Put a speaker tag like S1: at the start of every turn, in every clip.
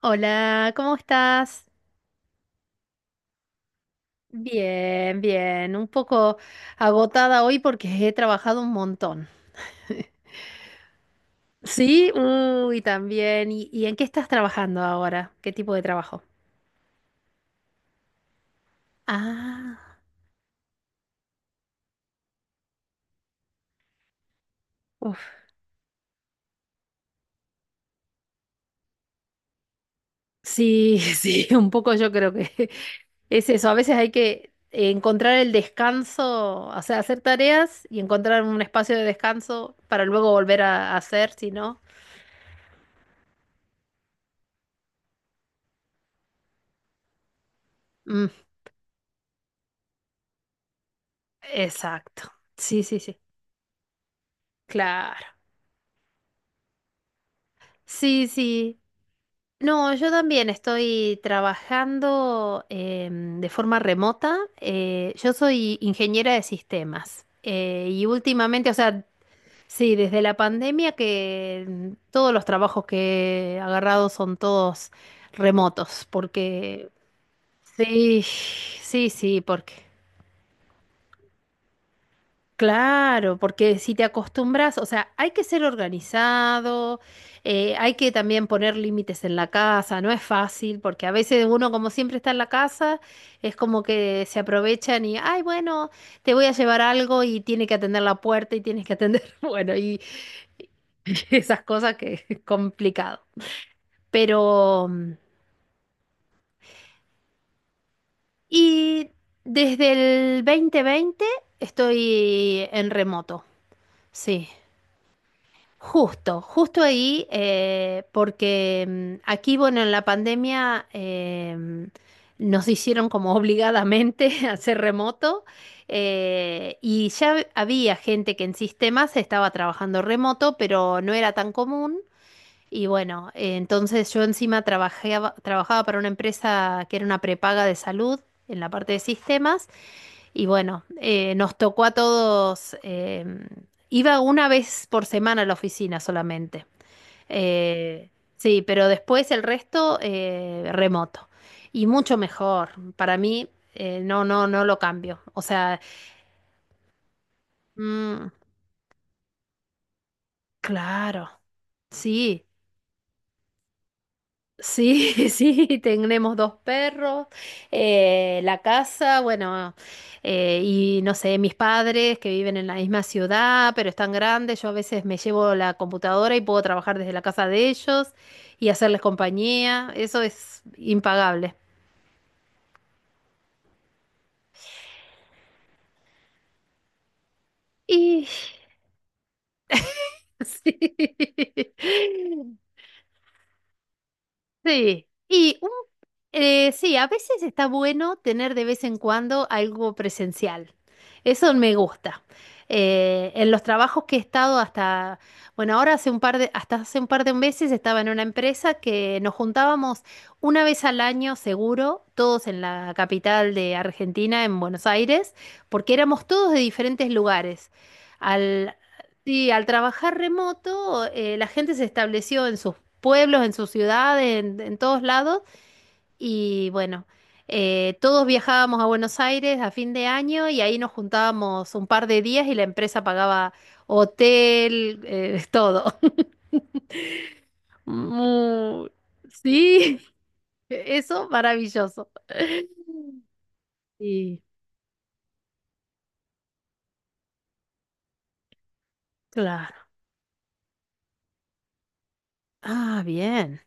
S1: Hola, ¿cómo estás? Bien, bien. Un poco agotada hoy porque he trabajado un montón. Sí, uy, también. ¿Y en qué estás trabajando ahora? ¿Qué tipo de trabajo? Ah, uf. Sí, sí, un poco yo creo que es eso. A veces hay que encontrar el descanso, o sea, hacer tareas y encontrar un espacio de descanso para luego volver a hacer, si no. Mm, exacto. Sí, sí, sí. Claro. Sí, sí. No, yo también estoy trabajando de forma remota. Yo soy ingeniera de sistemas y últimamente, o sea, sí, desde la pandemia que todos los trabajos que he agarrado son todos remotos, porque sí, sí, sí, porque claro, porque si te acostumbras, o sea, hay que ser organizado, hay que también poner límites en la casa, no es fácil, porque a veces uno como siempre está en la casa, es como que se aprovechan y, ay, bueno, te voy a llevar algo y tiene que atender la puerta y tienes que atender, bueno, y, esas cosas que es complicado. Pero, mm, y desde el 2020 estoy en remoto, sí. Justo, justo ahí, porque aquí, bueno, en la pandemia nos hicieron como obligadamente hacer remoto y ya había gente que en sistemas estaba trabajando remoto, pero no era tan común. Y bueno, entonces yo encima trabajaba para una empresa que era una prepaga de salud en la parte de sistemas y bueno, nos tocó a todos, iba una vez por semana a la oficina solamente. Eh, sí, pero después el resto remoto. Y mucho mejor. Para mí, no, no, no lo cambio. O sea, mm, claro, sí. Sí, sí, tenemos dos perros, la casa, bueno, y no sé, mis padres que viven en la misma ciudad, pero están grandes, yo a veces me llevo la computadora y puedo trabajar desde la casa de ellos y hacerles compañía, eso es impagable. Y sí, sí. Y sí, a veces está bueno tener de vez en cuando algo presencial. Eso me gusta. En los trabajos que he estado hasta, bueno, ahora hace un par de, hasta hace un par de meses estaba en una empresa que nos juntábamos una vez al año seguro, todos en la capital de Argentina, en Buenos Aires, porque éramos todos de diferentes lugares. Al, sí, al trabajar remoto, la gente se estableció en sus pueblos, en sus ciudades, en todos lados y bueno, todos viajábamos a Buenos Aires a fin de año y ahí nos juntábamos un par de días y la empresa pagaba hotel, todo. Mu- sí, eso maravilloso. Sí, claro. Ah, bien.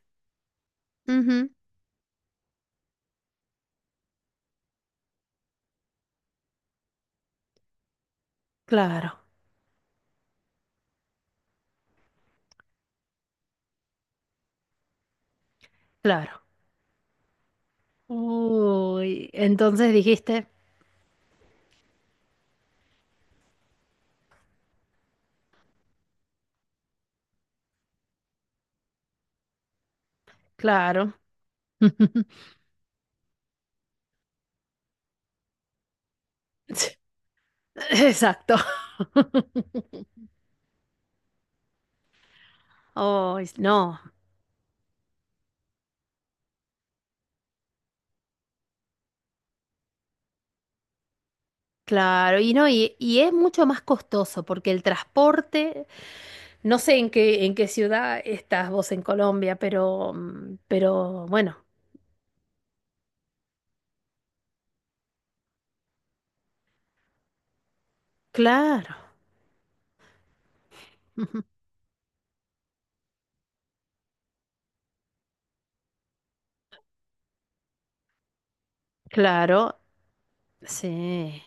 S1: Ujú, claro, claro. Uy, entonces dijiste, claro. Exacto. Oh, no. Claro, y no, y es mucho más costoso porque el transporte, no sé en qué ciudad estás vos en Colombia, pero, mm, pero bueno, claro, claro, sí.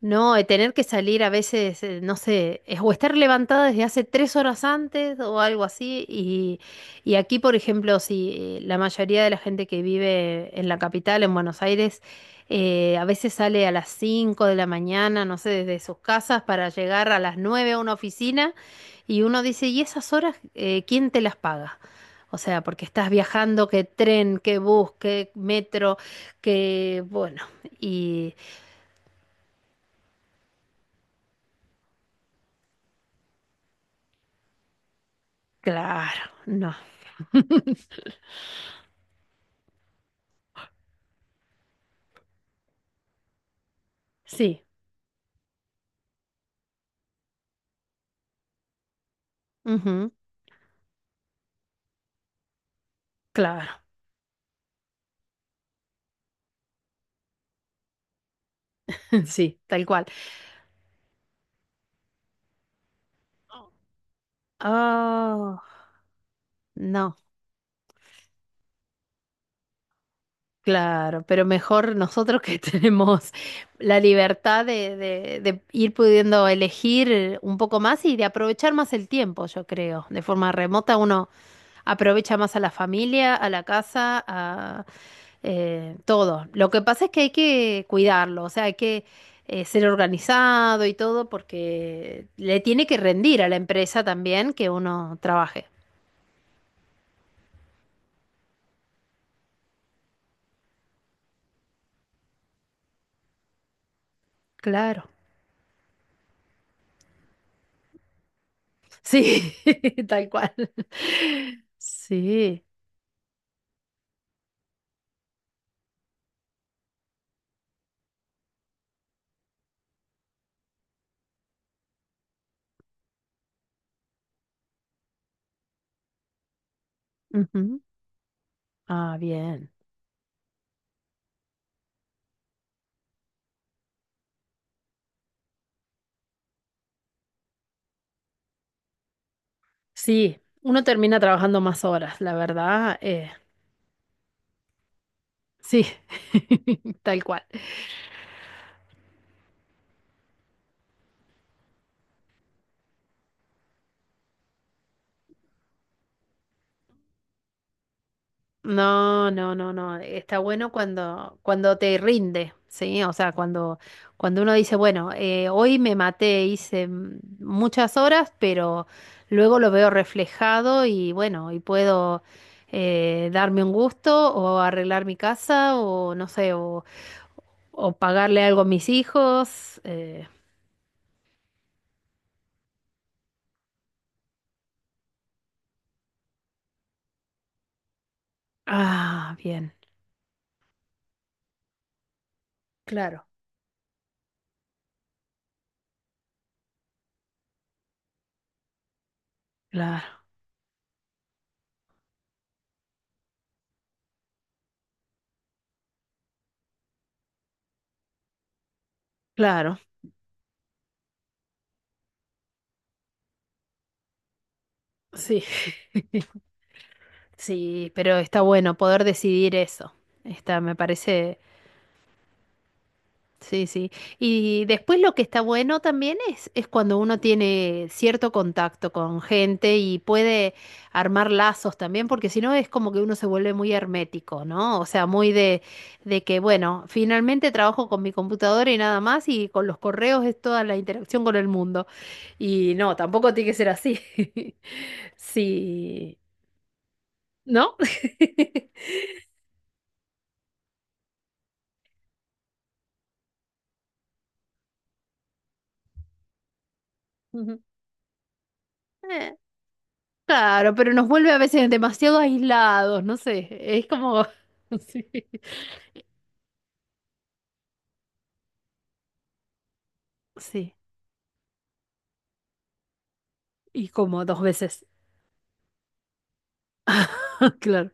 S1: No, de tener que salir a veces, no sé, es o estar levantada desde hace tres horas antes o algo así. Y aquí, por ejemplo, si la mayoría de la gente que vive en la capital, en Buenos Aires, a veces sale a las 5 de la mañana, no sé, desde sus casas para llegar a las 9 a una oficina y uno dice, ¿y esas horas quién te las paga? O sea, porque estás viajando, que tren, que bus, que metro, que bueno, y claro. No, sí, ujú, claro, sí, tal cual. Oh, no, claro, pero mejor nosotros que tenemos la libertad de, de ir pudiendo elegir un poco más y de aprovechar más el tiempo, yo creo. De forma remota aprovecha más a la familia, a la casa, a todo. Lo que pasa es que hay que cuidarlo, o sea, hay que ser organizado y todo porque le tiene que rendir a la empresa también que uno trabaje. Claro. Sí, tal cual. Sí. Ujú. Ah, bien. Sí, uno termina trabajando más horas, la verdad. Sí, tal cual. No, no, no, no. Está bueno cuando, cuando te rinde, ¿sí? O sea, cuando, cuando uno dice, bueno, hoy me maté, hice muchas horas, pero luego lo veo reflejado y bueno, y puedo darme un gusto o arreglar mi casa o no sé, o pagarle algo a mis hijos. Ah, bien. Claro, claro, claro. Sí. Sí, pero está bueno poder decidir eso. Está, me parece, sí, sí. Y después lo que está bueno también es cuando uno tiene cierto contacto con gente y puede armar lazos también, porque si no es como que uno se vuelve muy hermético, ¿no? O sea, muy de que, bueno, finalmente trabajo con mi computadora y nada más, y con los correos es toda la interacción con el mundo. Y no, tampoco tiene que ser así. Sí, ¿no? Ujú. Claro, pero nos vuelve a veces demasiado aislados, no sé, es como... Sí, sí, y como dos veces, claro.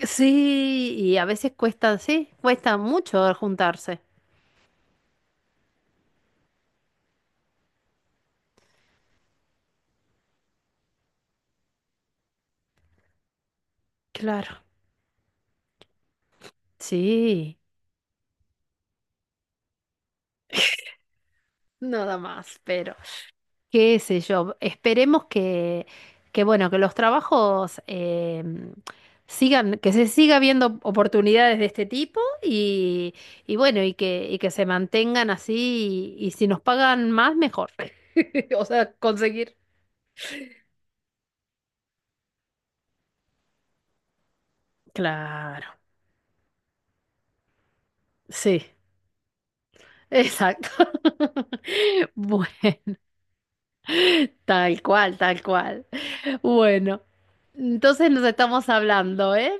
S1: Sí, y a veces cuesta, sí, cuesta mucho juntarse. Claro, sí, nada más, pero... qué sé yo, esperemos que bueno, que los trabajos sigan, que se siga viendo oportunidades de este tipo y bueno, y que se mantengan así y si nos pagan más, mejor. O sea, conseguir. Claro, sí, exacto. Bueno, tal cual, tal cual. Bueno, entonces nos estamos hablando, ¿eh?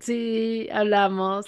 S1: Sí, hablamos.